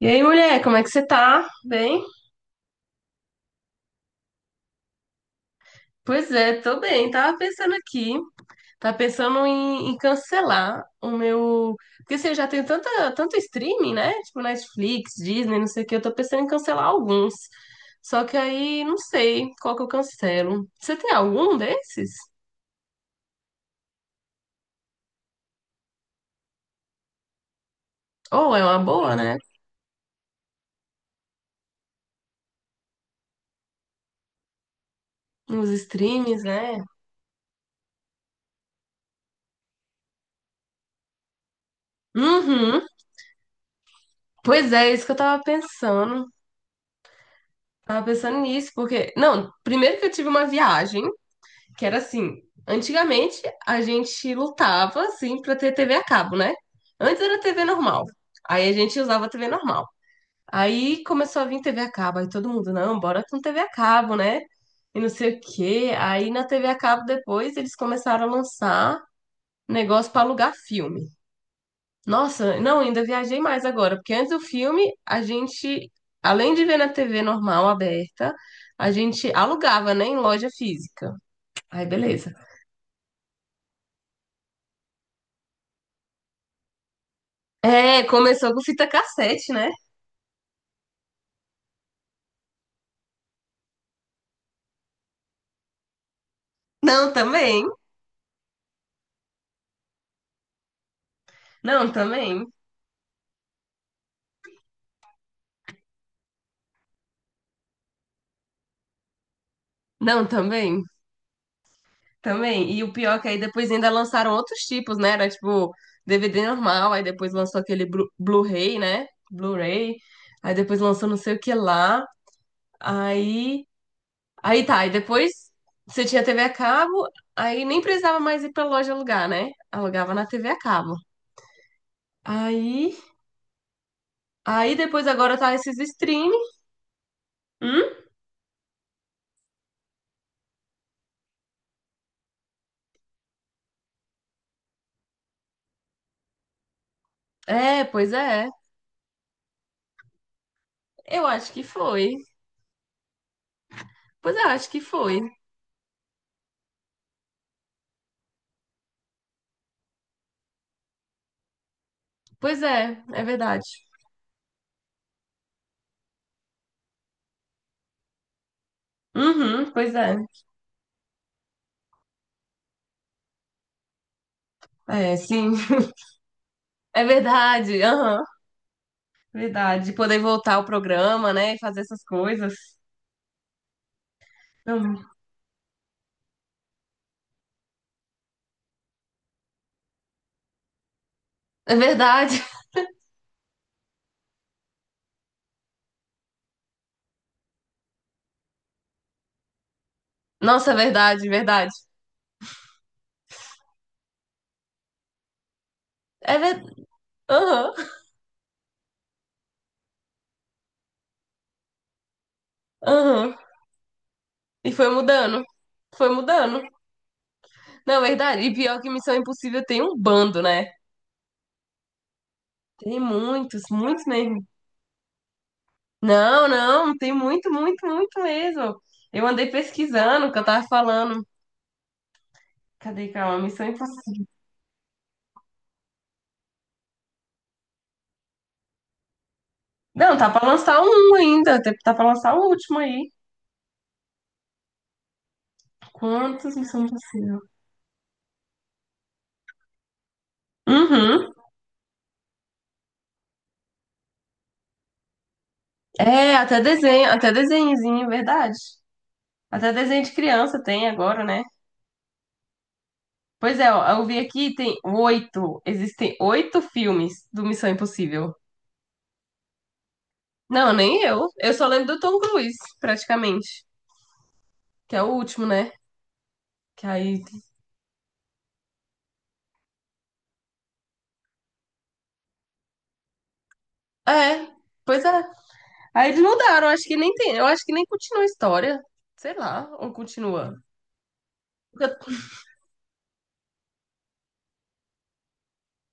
E aí, mulher, como é que você tá? Bem? Pois é, tô bem. Tava pensando aqui, tava pensando em cancelar o meu. Porque assim, eu já tenho tanto streaming, né? Tipo Netflix, Disney, não sei o que. Eu tô pensando em cancelar alguns. Só que aí não sei qual que eu cancelo. Você tem algum desses? Ou é uma boa, né? Nos streams, né? Uhum. Pois é, isso que eu tava pensando. Tava pensando nisso, porque. Não, primeiro que eu tive uma viagem. Que era assim, antigamente a gente lutava assim para ter TV a cabo, né? Antes era TV normal. Aí a gente usava TV normal. Aí começou a vir TV a cabo, aí todo mundo, não, bora com TV a cabo, né? E não sei o quê. Aí na TV a cabo depois eles começaram a lançar negócio para alugar filme. Nossa, não, ainda viajei mais agora, porque antes do filme a gente, além de ver na TV normal aberta, a gente alugava, né, em loja física. Aí beleza. É, começou com fita cassete, né? Não, também. Não, também. Não, também. Também. E o pior é que aí depois ainda lançaram outros tipos, né? Era tipo DVD normal, aí depois lançou aquele Blu-ray, né? Blu-ray. Aí depois lançou não sei o que lá. Aí. Aí tá. Aí depois você tinha TV a cabo, aí nem precisava mais ir pra loja alugar, né? Alugava na TV a cabo. Aí. Aí depois agora tá esses streaming. Hum? É, pois é. Eu acho que foi. Pois é, acho que foi. Pois é, é verdade. Uhum, pois é. É, sim. É verdade. Aham. Verdade. Poder voltar ao programa, né? E fazer essas coisas. Uhum. É verdade. Nossa, é verdade, verdade. É verdade. Aham. Aham. E foi mudando. Foi mudando. Não, é verdade. E pior que Missão Impossível tem um bando, né? Tem muitos, muitos mesmo. Não, não, tem muito, muito, muito mesmo. Eu andei pesquisando o que eu tava falando. Cadê, calma? Missão Impossível. Não, tá pra lançar um ainda. Tá pra lançar o último aí. Quantas missões do Uhum. É, até desenho, até desenhozinho, verdade. Até desenho de criança tem agora, né? Pois é, ó, eu vi aqui, tem oito. Existem oito filmes do Missão Impossível. Não, nem eu. Eu só lembro do Tom Cruise, praticamente. Que é o último, né? Que aí. É, pois é. Aí eles mudaram, acho que nem tem. Eu acho que nem continua a história. Sei lá, ou continua. Pra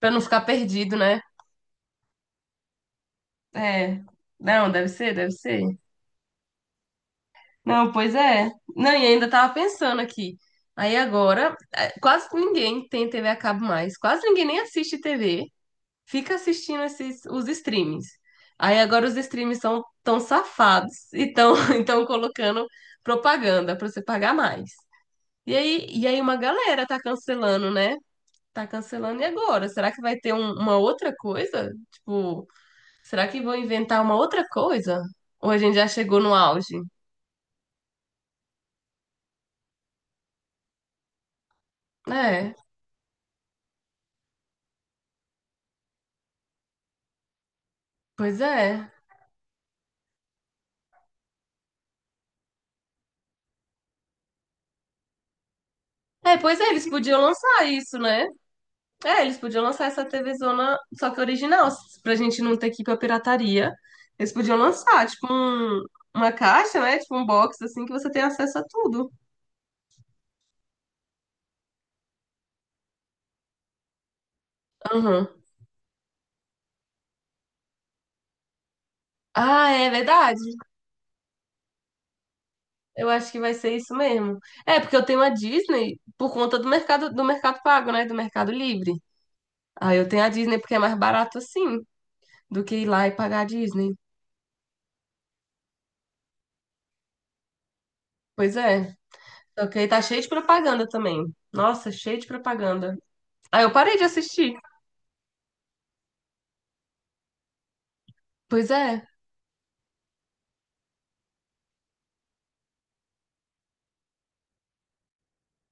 Pra não ficar perdido, né? É. Não, deve ser, deve ser. Não, pois é. Não, e ainda tava pensando aqui. Aí agora, é, quase ninguém tem TV a cabo mais. Quase ninguém nem assiste TV. Fica assistindo esses, os streams. Aí agora os streams são tão safados e estão tão, então colocando propaganda pra você pagar mais. E aí uma galera tá cancelando, né? Tá cancelando e agora? Será que vai ter uma outra coisa? Tipo. Será que vão inventar uma outra coisa? Ou a gente já chegou no auge? É, pois é. É, pois é, eles podiam lançar isso, né? É, eles podiam lançar essa TV Zona, só que original, pra gente não ter que ir pra pirataria. Eles podiam lançar, tipo, um, uma caixa, né? Tipo, um box, assim, que você tem acesso a tudo. Aham. Ah, é verdade. Eu acho que vai ser isso mesmo. É, porque eu tenho a Disney por conta do mercado pago, né? Do Mercado Livre. Ah, eu tenho a Disney porque é mais barato assim, do que ir lá e pagar a Disney. Pois é. Só que aí tá cheio de propaganda também. Nossa, cheio de propaganda. Aí eu parei de assistir. Pois é.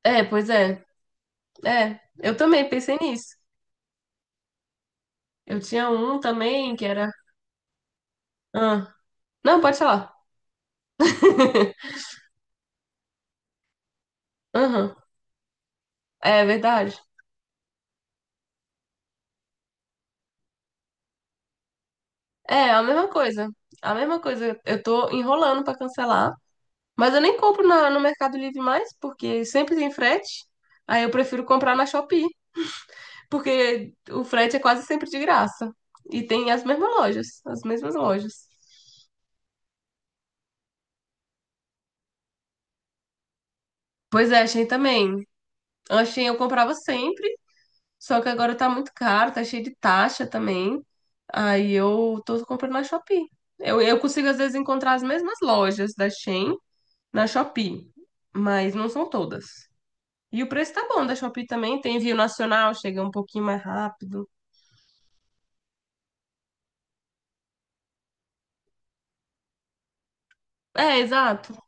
É, pois é. É, eu também pensei nisso. Eu tinha um também que era. Ah. Não, pode falar. Aham. É verdade. É, a mesma coisa. A mesma coisa. Eu tô enrolando pra cancelar. Mas eu nem compro no Mercado Livre mais, porque sempre tem frete. Aí eu prefiro comprar na Shopee. Porque o frete é quase sempre de graça. E tem as mesmas lojas. Pois é, Shein também. A Shein eu comprava sempre, só que agora tá muito caro, tá cheio de taxa também. Aí eu tô comprando na Shopee. Eu consigo às vezes encontrar as mesmas lojas da Shein na Shopee, mas não são todas. E o preço tá bom da Shopee também, tem envio nacional, chega um pouquinho mais rápido. É, exato.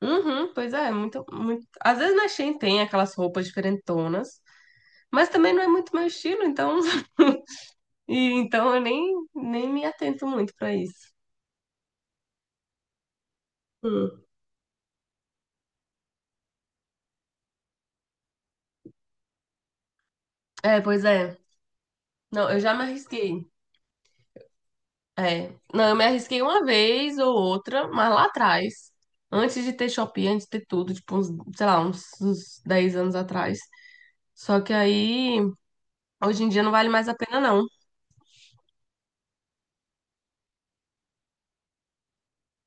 Uhum, pois é, muito, muito. Às vezes na Shein tem aquelas roupas diferentonas, mas também não é muito meu estilo, então. E então eu nem me atento muito pra isso. Hum. É, pois é. Não, eu já me arrisquei. É. Não, eu me arrisquei uma vez ou outra, mas lá atrás, antes de ter Shopee, antes de ter tudo, tipo, uns, sei lá, uns 10 anos atrás. Só que aí, hoje em dia não vale mais a pena, não.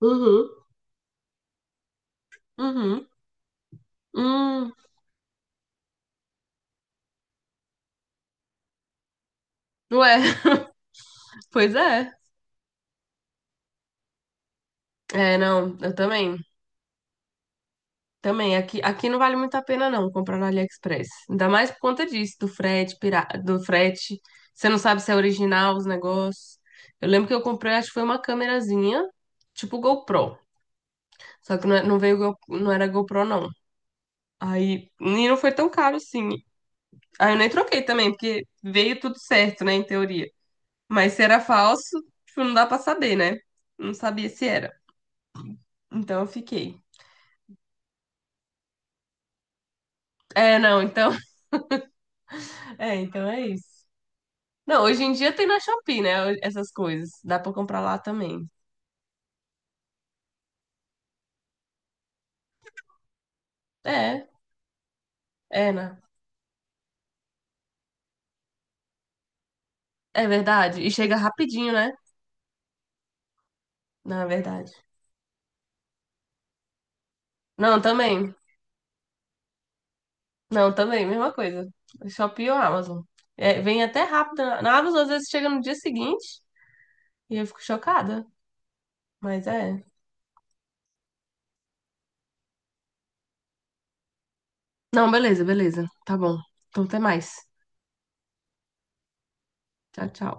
Uhum. Uhum. Hum. Ué, pois é. É, não, eu também. Também. Aqui não vale muito a pena, não, comprar no AliExpress. Ainda mais por conta disso, do frete, do frete. Você não sabe se é original os negócios. Eu lembro que eu comprei, acho que foi uma câmerazinha, tipo GoPro. Só que não, não veio, não era GoPro, não. Aí, e não foi tão caro assim. Aí eu nem troquei também, porque veio tudo certo, né, em teoria. Mas se era falso, tipo, não dá pra saber, né? Não sabia se era. Então eu fiquei. É, não, então. É, então é isso. Não, hoje em dia tem na Shopee, né? Essas coisas. Dá pra comprar lá também. É, é, né? É verdade. E chega rapidinho, né? Não, é verdade. Não, também. Não, também, mesma coisa. Shopee ou Amazon. É, vem até rápido. Na Amazon, às vezes, chega no dia seguinte e eu fico chocada. Mas é. Não, beleza, beleza. Tá bom. Então, até mais. Tchau, tchau.